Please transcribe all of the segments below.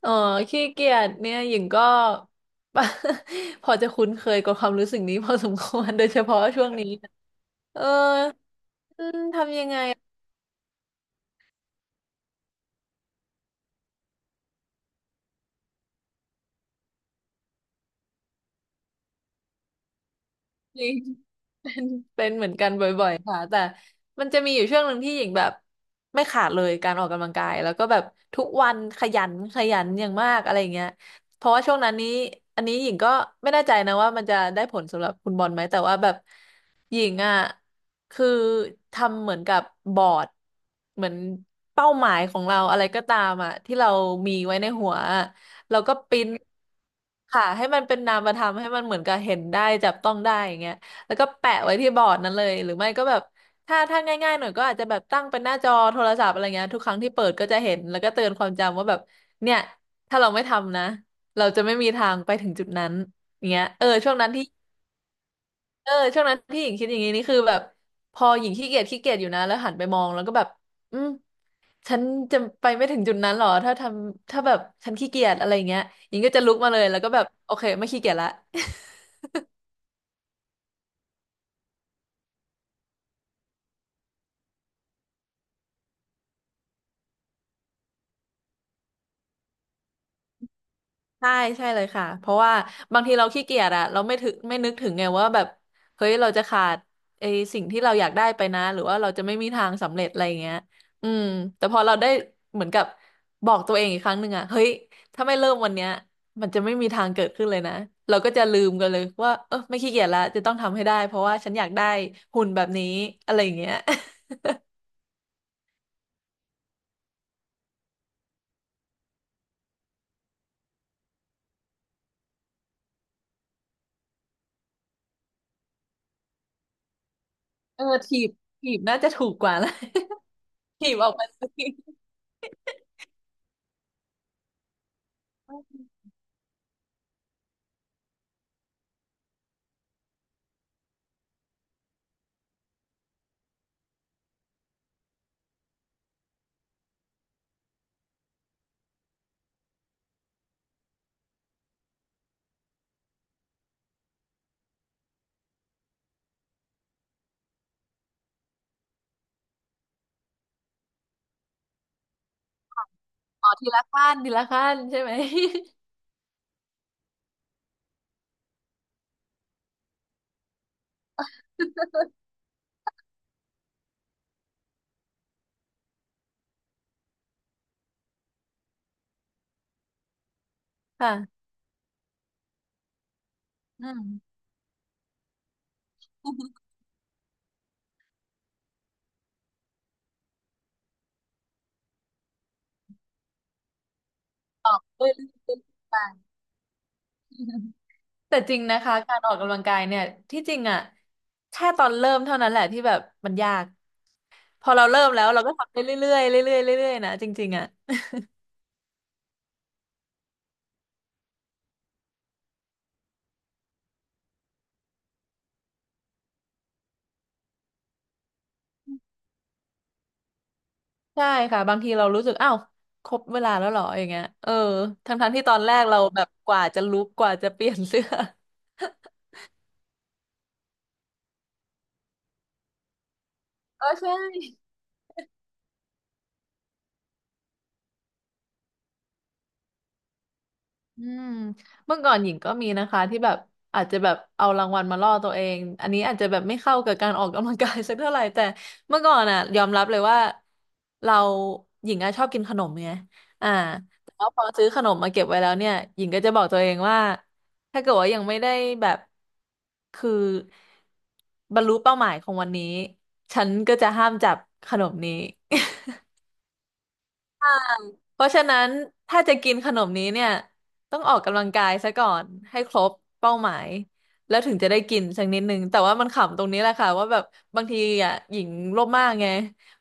เออขี้เกียจเนี่ยหญิงก็ พอจะคุ้นเคยกับความรู้สึกนี้พอสมควรโดยเฉพาะช่วงนี้เออทำยังไง จริง เป็นเหมือนกันบ่อยๆค่ะแต่มันจะมีอยู่ช่วงหนึ่งที่หญิงแบบไม่ขาดเลยการออกกำลังกายแล้วก็แบบทุกวันขยันอย่างมากอะไรอย่างเงี้ยเพราะว่าช่วงนั้นนี้อันนี้หญิงก็ไม่แน่ใจนะว่ามันจะได้ผลสำหรับคุณบอลไหมแต่ว่าแบบหญิงอ่ะคือทำเหมือนกับบอร์ดเหมือนเป้าหมายของเราอะไรก็ตามอ่ะที่เรามีไว้ในหัว แล้วก็ปริ้นค่ะให้มันเป็นนามธรรมให้มันเหมือนกับเห็นได้จับต้องได้อย่างเงี้ยแล้วก็แปะไว้ที่บอร์ดนั้นเลยหรือไม่ก็แบบถ้าง่ายๆหน่อยก็อาจจะแบบตั้งเป็นหน้าจอโทรศัพท์อะไรเงี้ยทุกครั้งที่เปิดก็จะเห็นแล้วก็เตือนความจำว่าแบบเนี่ยถ้าเราไม่ทำนะเราจะไม่มีทางไปถึงจุดนั้นอย่างเงี้ยเออช่วงนั้นที่เออช่วงนั้นที่หญิงคิดอย่างนี้นี่คือแบบพอหญิงขี้เกียจอยู่นะแล้วหันไปมองแล้วก็แบบอืม ฉันจะไปไม่ถึงจุดนั้นหรอถ้าแบบฉันขี้เกียจอะไรอย่างเงี้ยหญิงก็จะลุกมาเลยแล้วก็แบบโอเคไม่ขี้เกียจละ ใช่ใช่เลยค่ะเพราะว่าบางทีเราขี้เกียจอะเราไม่นึกถึงไงว่าแบบเฮ้ยเราจะขาดไอ้สิ่งที่เราอยากได้ไปนะหรือว่าเราจะไม่มีทางสำเร็จอะไรอย่างเงี้ยอืมแต่พอเราได้เหมือนกับบอกตัวเองอีกครั้งหนึ่งอะเฮ้ยถ้าไม่เริ่มวันเนี้ยมันจะไม่มีทางเกิดขึ้นเลยนะเราก็จะลืมกันเลยว่าเออไม่ขี้เกียจละจะต้องทำให้ได้เพราะว่าฉันอยากได้หุ่นแบบนี้อะไรอย่างเงี้ย เออถีบน่าจะถูกกว่านะ ถีบออกมาสิอ๋อทีละขั้นทีละขั้นใช่ไหม ค่ะ อืม ออกเรื่อยๆเรื่อยๆไป แต่จริงนะคะการออกกำลังกายเนี่ยที่จริงอ่ะแค่ตอนเริ่มเท่านั้นแหละที่แบบมันยากพอเราเริ่มแล้วเราก็ทำได้เรื่อยๆเรื่อยๆเรื่อยๆนะจริงๆอ่ะใช่ค่ะบางทีเรารู้สึกอ้าวครบเวลาแล้วเหรออย่างเงี้ยเออทั้งๆที่ตอนแรกเราแบบกว่าจะลุกกว่าจะเปลี่ยนเสื้อ เออใช่ อืมเมื่อก่อนหญิงก็มีนะคะที่แบบอาจจะแบบเอารางวัลมาล่อตัวเองอันนี้อาจจะแบบไม่เข้ากับการออกกำลังกาย สักเท่าไหร่แต่เมื่อก่อนอ่ะยอมรับเลยว่าเราหญิงอะชอบกินขนมไงอ่าแต่ว่าพอซื้อขนมมาเก็บไว้แล้วเนี่ยหญิงก็จะบอกตัวเองว่าถ้าเกิดว่ายังไม่ได้แบบคือบรรลุเป้าหมายของวันนี้ฉันก็จะห้ามจับขนมนี้ เพราะฉะนั้นถ้าจะกินขนมนี้เนี่ยต้องออกกำลังกายซะก่อนให้ครบเป้าหมายแล้วถึงจะได้กินสักนิดนึงแต่ว่ามันขำตรงนี้แหละค่ะว่าแบบบางทีอ่ะหญิงโลภมากไง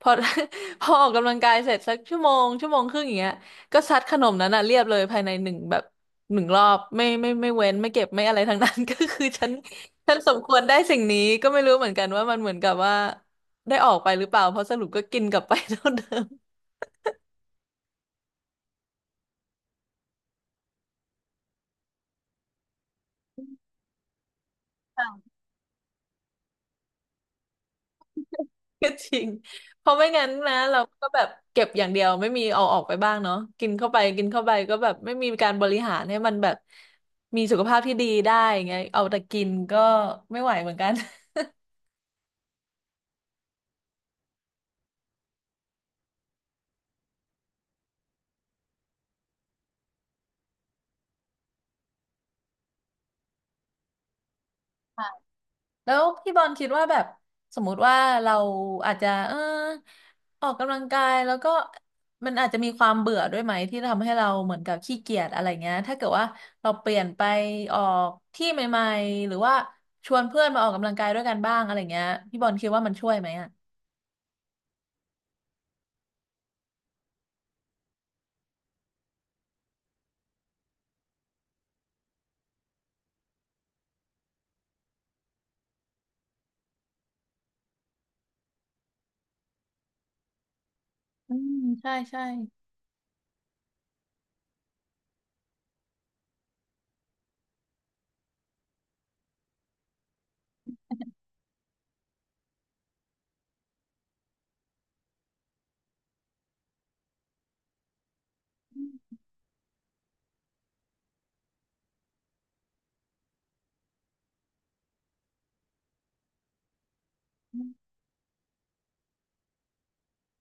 พอ พอออกกำลังกายเสร็จสักชั่วโมงชั่วโมงครึ่งอย่างเงี้ยก็ซัดขนมนั้นอ่ะเรียบเลยภายในหนึ่งแบบหนึ่งรอบไม่เว้นไม่เก็บไม่อะไร ทั้งนั้น ก็คือฉันสมควรได้สิ่งนี้ก็ไม่รู้เหมือนกันว่ามันเหมือนกับว่าได้ออกไปหรือเปล่าเพราะสรุปก็กินกลับไปเท่าเดิม ก็ จริง เพราะไม่งั้นนะเราก็แบบเก็บอย่างเดียวไม่มีเอาออกไปบ้างเนาะกินเข้าไปกินเข้าไปก็แบบไม่มีการบริหารให้มันแบบมีสุขภาพที่ดีได้อย่างเงี้ยเอาแต่กินก็ไม่ไหวเหมือนกัน แล้วพี่บอลคิดว่าแบบสมมุติว่าเราอาจจะออกกำลังกายแล้วก็มันอาจจะมีความเบื่อด้วยไหมที่ทำให้เราเหมือนกับขี้เกียจอะไรเงี้ยถ้าเกิดว่าเราเปลี่ยนไปออกที่ใหม่ๆหรือว่าชวนเพื่อนมาออกกำลังกายด้วยกันบ้างอะไรเงี้ยพี่บอลคิดว่ามันช่วยไหมอ่ะอืมใช่ใช่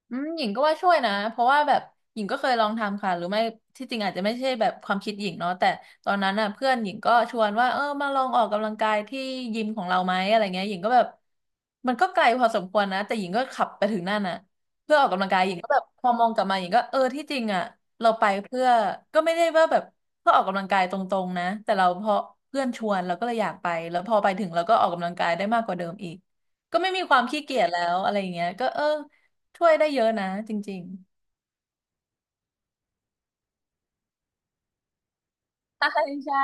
อืมหญิงก็ว่าช่วยนะเพราะว่าแบบหญิงก็เคยลองทำค่ะหรือไม่ที่จริงอาจจะไม่ใช่แบบความคิดหญิงเนาะแต่ตอนนั้นน่ะเพื่อนหญิงก็ชวนว่าเออมาลองออกกำลังกายที่ยิมของเราไหมอะไรเงี้ยหญิงก็แบบมันก็ไกลพอสมควรนะแต่หญิงก็ขับไปถึงนั่นน่ะเพื่อออกกำลังกายหญิงก็แบบพอมองกลับมาหญิงก็เออที่จริงอ่ะเราไปเพื่อก็ไม่ได้ว่าแบบเพื่อออกกำลังกายตรงๆนะแต่เราเพราะเพื่อนชวนเราก็เลยอยากไปแล้วพอไปถึงเราก็ออกกำลังกายได้มากกว่าเดิมอีกก็ไม่มีความขี้เกียจแล้วอะไรอย่างเงี้ยก็เออ ช่วยได้เยอะนะจริงๆใช่ใช่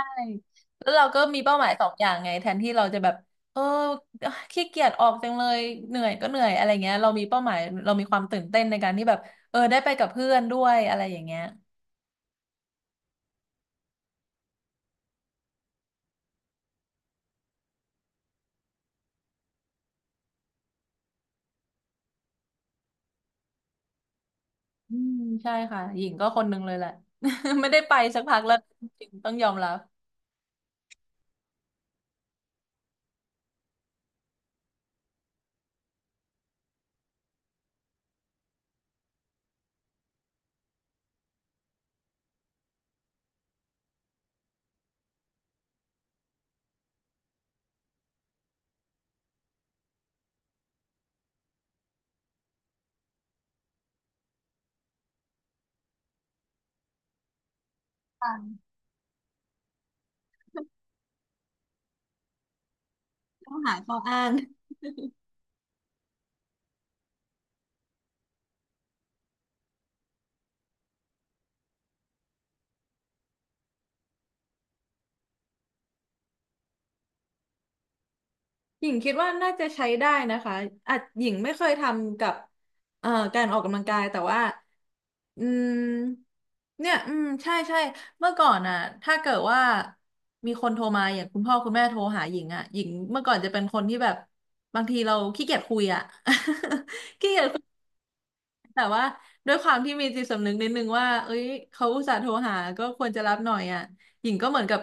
ๆแล้วเราก็มีเป้าหมายสองอย่างไงแทนที่เราจะแบบเออขี้เกียจออกจังเลยเหนื่อยก็เหนื่อยอะไรเงี้ยเรามีเป้าหมายเรามีความตื่นเต้นในการที่แบบเออได้ไปกับเพื่อนด้วยอะไรอย่างเงี้ยอืมใช่ค่ะหญิงก็คนนึงเลยแหละ ไม่ได้ไปสักพักแล้วจริงๆต้องยอมรับต้องหาข้ออ้าง หญิงคิดว่าน่าจะใช้ได้นะคะอาจหญิงไม่เคยทำกับการออกกำลังกายแต่ว่าอืมเนี่ยอืมใช่ใช่เมื่อก่อนอ่ะถ้าเกิดว่ามีคนโทรมาอย่างคุณพ่อคุณแม่โทรหาหญิงอ่ะหญิงเมื่อก่อนจะเป็นคนที่แบบบางทีเราขี้เกียจคุยอ่ะ ขี้เกียจ แต่ว่าด้วยความที่มีจิตสำนึกนิดนึงว่าเอ้ยเขาอุตส่าห์โทรหาก็ควรจะรับหน่อยอ่ะหญิงก็เหมือนกับ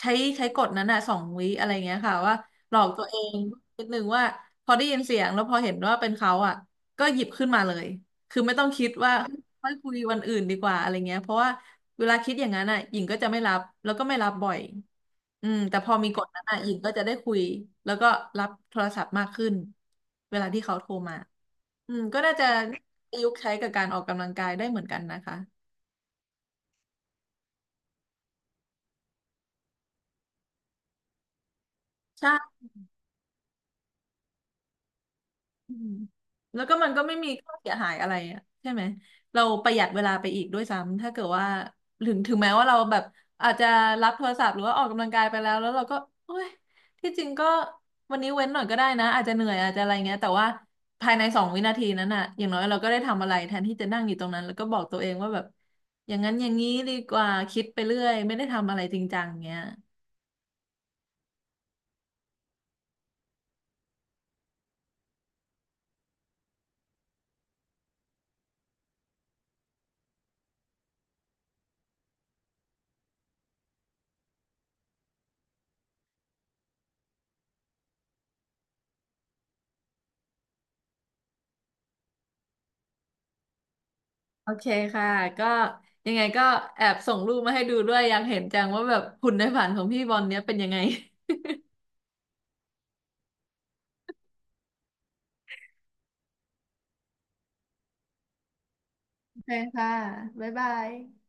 ใช้ใช้กฎนั้นอ่ะสองวิอะไรเงี้ยค่ะว่าหลอกตัวเองนิดนึงว่าพอได้ยินเสียงแล้วพอเห็นว่าเป็นเขาอ่ะก็หยิบขึ้นมาเลยคือไม่ต้องคิดว่าค่อยคุยวันอื่นดีกว่าอะไรเงี้ยเพราะว่า เวลาคิดอย่างนั้นอ่ะหญิงก็จะไม่รับแล้วก็ไม่รับบ่อยอืมแต่พอมีกฎนั้นอ่ะหญิงก็จะได้คุยแล้วก็รับโทรศัพท์มากขึ้นเวลาที่เขาโทรมาอืมก็น่าจะประยุกต์ใช้กับการออกกำลังกายได้เหมือนกันนะคะใช่ อืมแล้วก็มันก็ไม่มีข้อเสียหายอะไรอะใช่ไหมเราประหยัดเวลาไปอีกด้วยซ้ำถ้าเกิดว่าถึงแม้ว่าเราแบบอาจจะรับโทรศัพท์หรือว่าออกกำลังกายไปแล้วแล้วเราก็โอ้ยที่จริงก็วันนี้เว้นหน่อยก็ได้นะอาจจะเหนื่อยอาจจะอะไรเงี้ยแต่ว่าภายใน2 วินาทีนั้นน่ะอย่างน้อยเราก็ได้ทำอะไรแทนที่จะนั่งอยู่ตรงนั้นแล้วก็บอกตัวเองว่าแบบอย่างนั้นอย่างนี้ดีกว่าคิดไปเรื่อยไม่ได้ทำอะไรจริงจังเงี้ย โอเคค่ะก็ยังไงก็แอบส่งรูปมาให้ดูด้วยอยากเห็นจังว่าแบบหุ่นในฝันของพี่บอลเนี้ยเป็นยังไงโอเคค่ะบ๊ายบาย